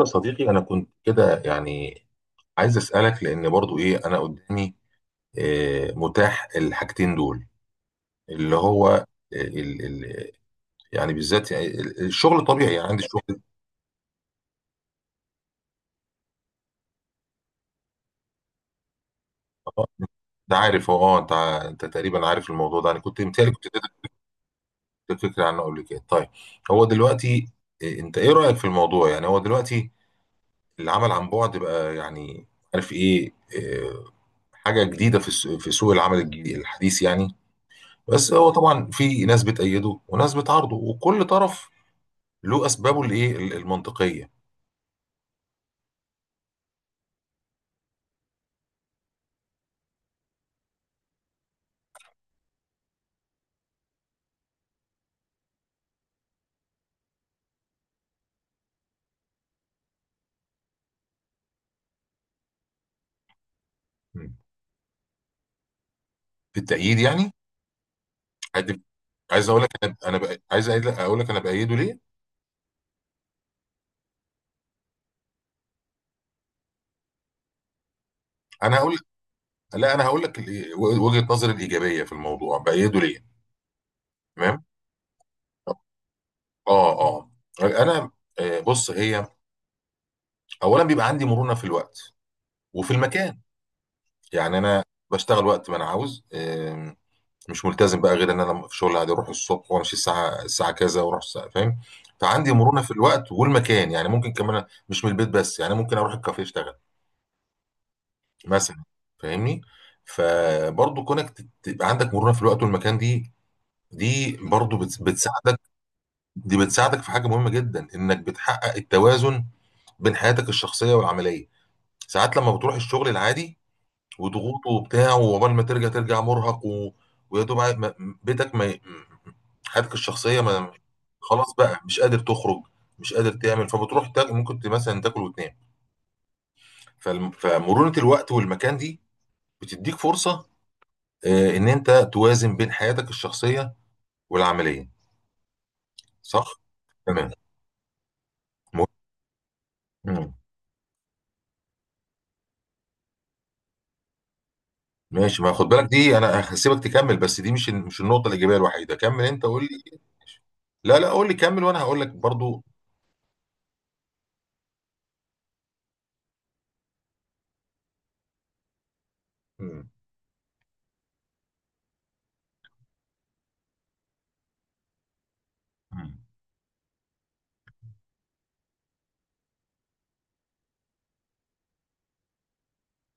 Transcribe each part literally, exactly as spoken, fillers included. يا صديقي، انا كنت كده يعني عايز اسالك، لان برضو ايه، انا قدامي آه، متاح الحاجتين دول اللي هو آه، ال ال يعني، بالذات يعني ال- الشغل طبيعي يعني عندي الشغل. آه، انت عارف، هو اه انت ع- انت تقريبا عارف الموضوع ده. انا كنت متهيألي كنت اديتك فكره عنه قبل كده. طيب، هو دلوقتي آه، انت ايه رايك في الموضوع؟ يعني هو دلوقتي العمل عن بعد بقى، يعني عارف ايه، آه، حاجه جديده في الس- في سوق العمل الجديد- الحديث يعني. بس هو طبعا في ناس بتأيده وناس بتعارضه، وكل طرف له اسبابه الايه ال- المنطقيه. مم. في التأييد يعني، عاد- عايز اقول لك انا، أنا بأ- عايز أقول لك، أقول لك انا بأيده ليه. انا هقول، لا انا هقول لك ال- وجهة نظري الايجابيه في الموضوع، بأيده ليه. تمام. اه اه. انا آه، بص، هي اولا بيبقى عندي مرونه في الوقت وفي المكان. يعني انا بشتغل وقت ما انا عاوز، مش ملتزم بقى، غير ان انا في شغل عادي اروح الصبح وامشي الساعه الساعه كذا واروح الساعه، فاهم؟ فعندي مرونه في الوقت والمكان. يعني ممكن كمان مش من البيت بس، يعني ممكن اروح الكافيه اشتغل مثلا، فاهمني؟ فبرضه كونك تت- تبقى عندك مرونه في الوقت والمكان، دي دي برضه بت- بتساعدك. دي بتساعدك في حاجه مهمه جدا، انك بتحقق التوازن بين حياتك الشخصيه والعمليه. ساعات لما بتروح الشغل العادي وضغوط وبتاع، وعقبال ما ترجع ترجع مرهق و... ويا دوب عا- ما- بيتك ما ي- حياتك الشخصيه ما، خلاص بقى مش قادر تخرج، مش قادر تعمل، فبتروح تاكل، ممكن ت- مثلا تاكل وتنام. فالم- فمرونه الوقت والمكان دي بتديك فرصه آه، ان انت توازن بين حياتك الشخصيه والعمليه، صح؟ تمام. مه- مم. ماشي، ما خد بالك، دي انا هسيبك تكمل، بس دي مش مش النقطه الايجابيه الوحيده. كمل انت، قول لي. لا لا، قول لي كمل وانا هقول لك برضو. مم. مم.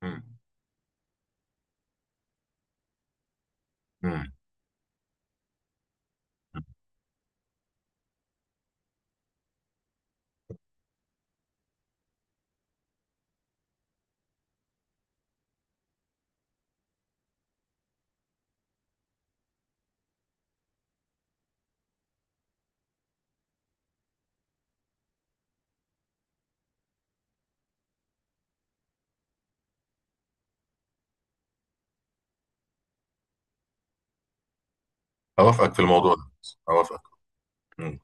مم. مم. أوافقك في الموضوع ده، أوافقك. مم.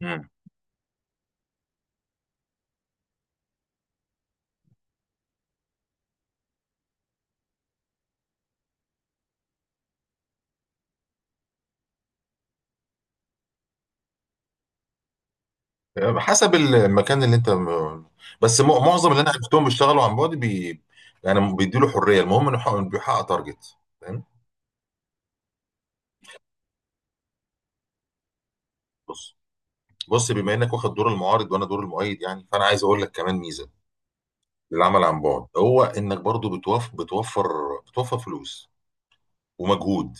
مم. آه، حسب المكان اللي أنت، بس م- معظم اللي أنا عرفتهم بيشتغلوا عن بعد بي... يعني بيديله حرية، المهم إنه يحقق- بيحقق تارجت، فاهم؟ بص، بص، بما إنك واخد دور المعارض وأنا دور المؤيد، يعني فأنا عايز أقول لك كمان ميزة للعمل عن بعد. هو إنك برضو بتوف... بتوفر، بتوفر فلوس ومجهود.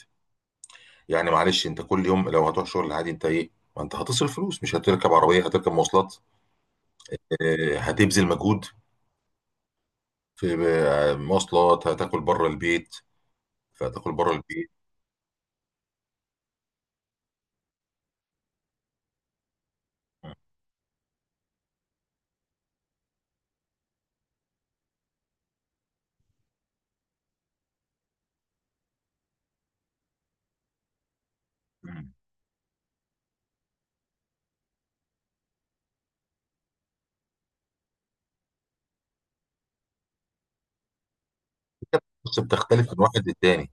يعني معلش، أنت كل يوم لو هتروح شغل عادي أنت إيه، ما أنت هتصرف فلوس، مش هتركب عربية هتركب مواصلات، آه، هتبذل مجهود في ب- مواصلات، هتاكل بره البيت، فهتاكل بره البيت. مم. بص، بتختلف من واحد للتاني.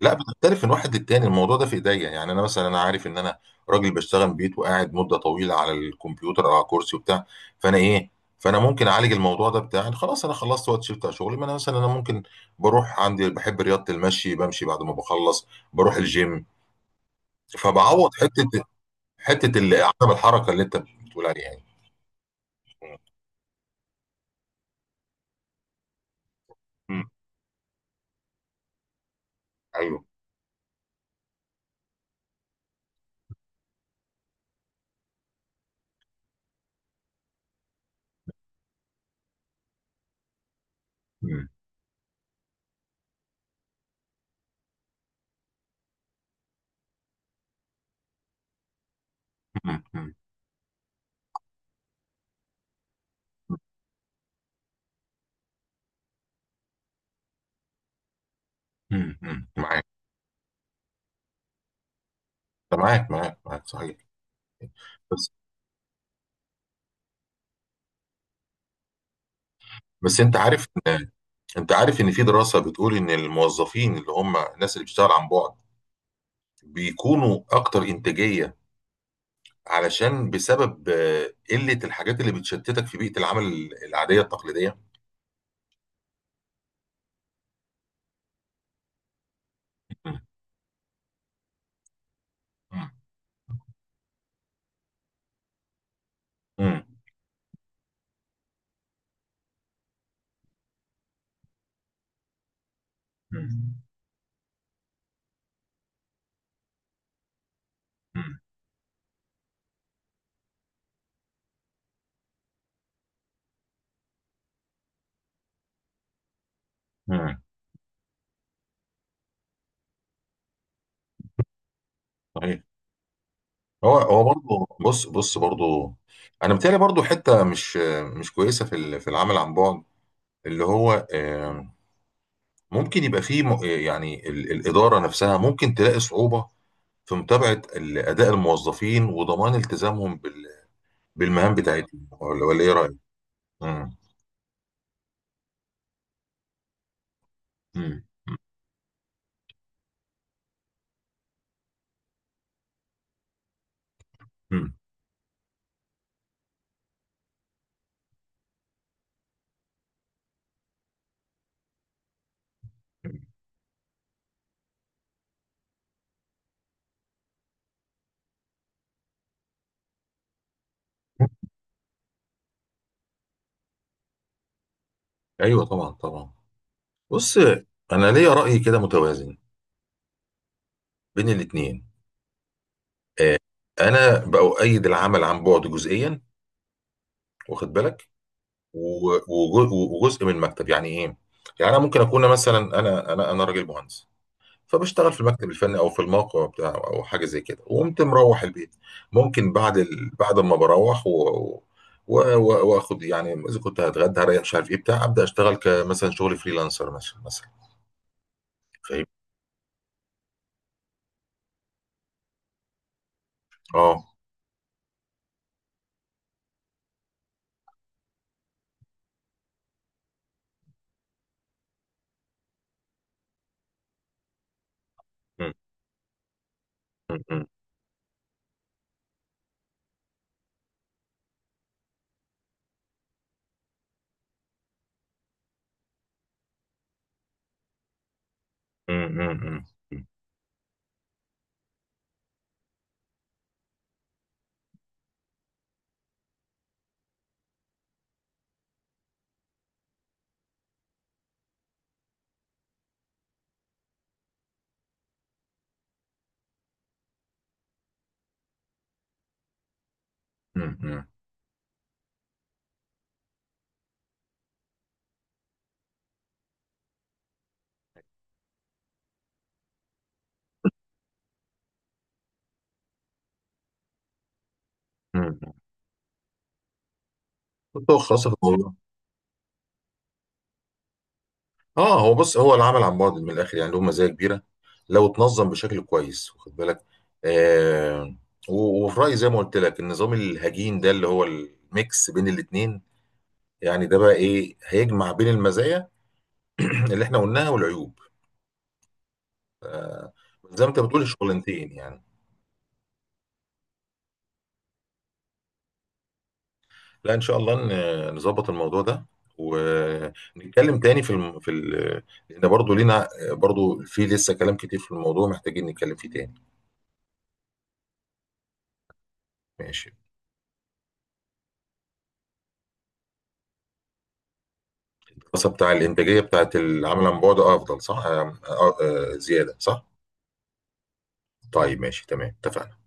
لا، بتختلف من واحد للتاني الموضوع ده، في ايديا. يعني انا مثلا، انا عارف ان انا راجل بشتغل من البيت وقاعد مده طويله على الكمبيوتر او على كرسي وبتاع، فانا ايه، فانا ممكن اعالج الموضوع ده بتاع إن خلاص انا خلصت وقت شيفت على شغلي. ما انا مثلا انا ممكن بروح، عندي بحب رياضه المشي، بمشي بعد ما بخلص بروح الجيم، فبعوض حته حته اللي- عدم الحركه اللي انت بتقول عليها يعني. مم. ايوه. مم. مم. امم، أمم، معاك. معاك معاك معاك، صحيح. بس. بس انت عارف ان، انت عارف ان في دراسه بتقول ان الموظفين، اللي هم الناس اللي بتشتغل عن بعد، بيكونوا اكتر انتاجيه، علشان بسبب آه، قله الحاجات اللي بتشتتك في بيئه العمل العاديه التقليديه. أمم، أمم، أمم، أمم، أمم، صحيح. هو هو برضه، بص بص برضه، انا بتهيألي برضه حته مش مش كويسه في ال- في العمل عن بعد، اللي هو آه، ممكن يبقى فيه م- يعني ال- الإدارة نفسها ممكن تلاقي صعوبة في متابعة ال- أداء الموظفين وضمان التزامهم بال- بالمهام بتاعتهم، ولا ولا إيه رأيك؟ مم. مم. مم. أيوه طبعا طبعا. بص، أنا ليا رأي كده متوازن بين الاتنين. آه، أنا بأؤيد العمل عن بعد جزئيا، واخد بالك؟ و- وجو- وجزء من المكتب، يعني إيه؟ يعني أنا ممكن أكون مثلا، أنا أنا أنا راجل مهندس فبشتغل في المكتب الفني او في الموقع بتاعه او حاجه زي كده، وقمت مروح البيت. ممكن بعد ال... بعد ما بروح و... و... و... واخد يعني، اذا كنت هتغدى هريح مش عارف ايه بتاع، ابدا اشتغل كمثلا شغل فريلانسر مثلا مثلا، فاهم؟ اه. م- م- م- م- م- م- م- م- م- م- م. كنت خلاص في الموضوع. اه، هو بص، هو العمل عن بعد من الاخر يعني له مزايا كبيره لو اتنظم بشكل كويس، واخد بالك؟ آه، و- وفي رايي زي ما قلت لك، النظام الهجين ده اللي هو الميكس بين الاثنين، يعني ده بقى ايه، هيجمع بين المزايا اللي احنا قلناها والعيوب، زي ما انت بتقول الشغلانتين يعني. لا ان شاء الله، ن- نظبط الموضوع ده، ونتكلم تاني في الم... في ال... لان برضه لينا برضه في لسه كلام كتير في الموضوع محتاجين نتكلم فيه تاني. ماشي. الدراسة بتاع الإنتاجية بتاعت العمل عن بعد أفضل، صح؟ آه، آه، آه، زيادة صح؟ طيب ماشي تمام، اتفقنا.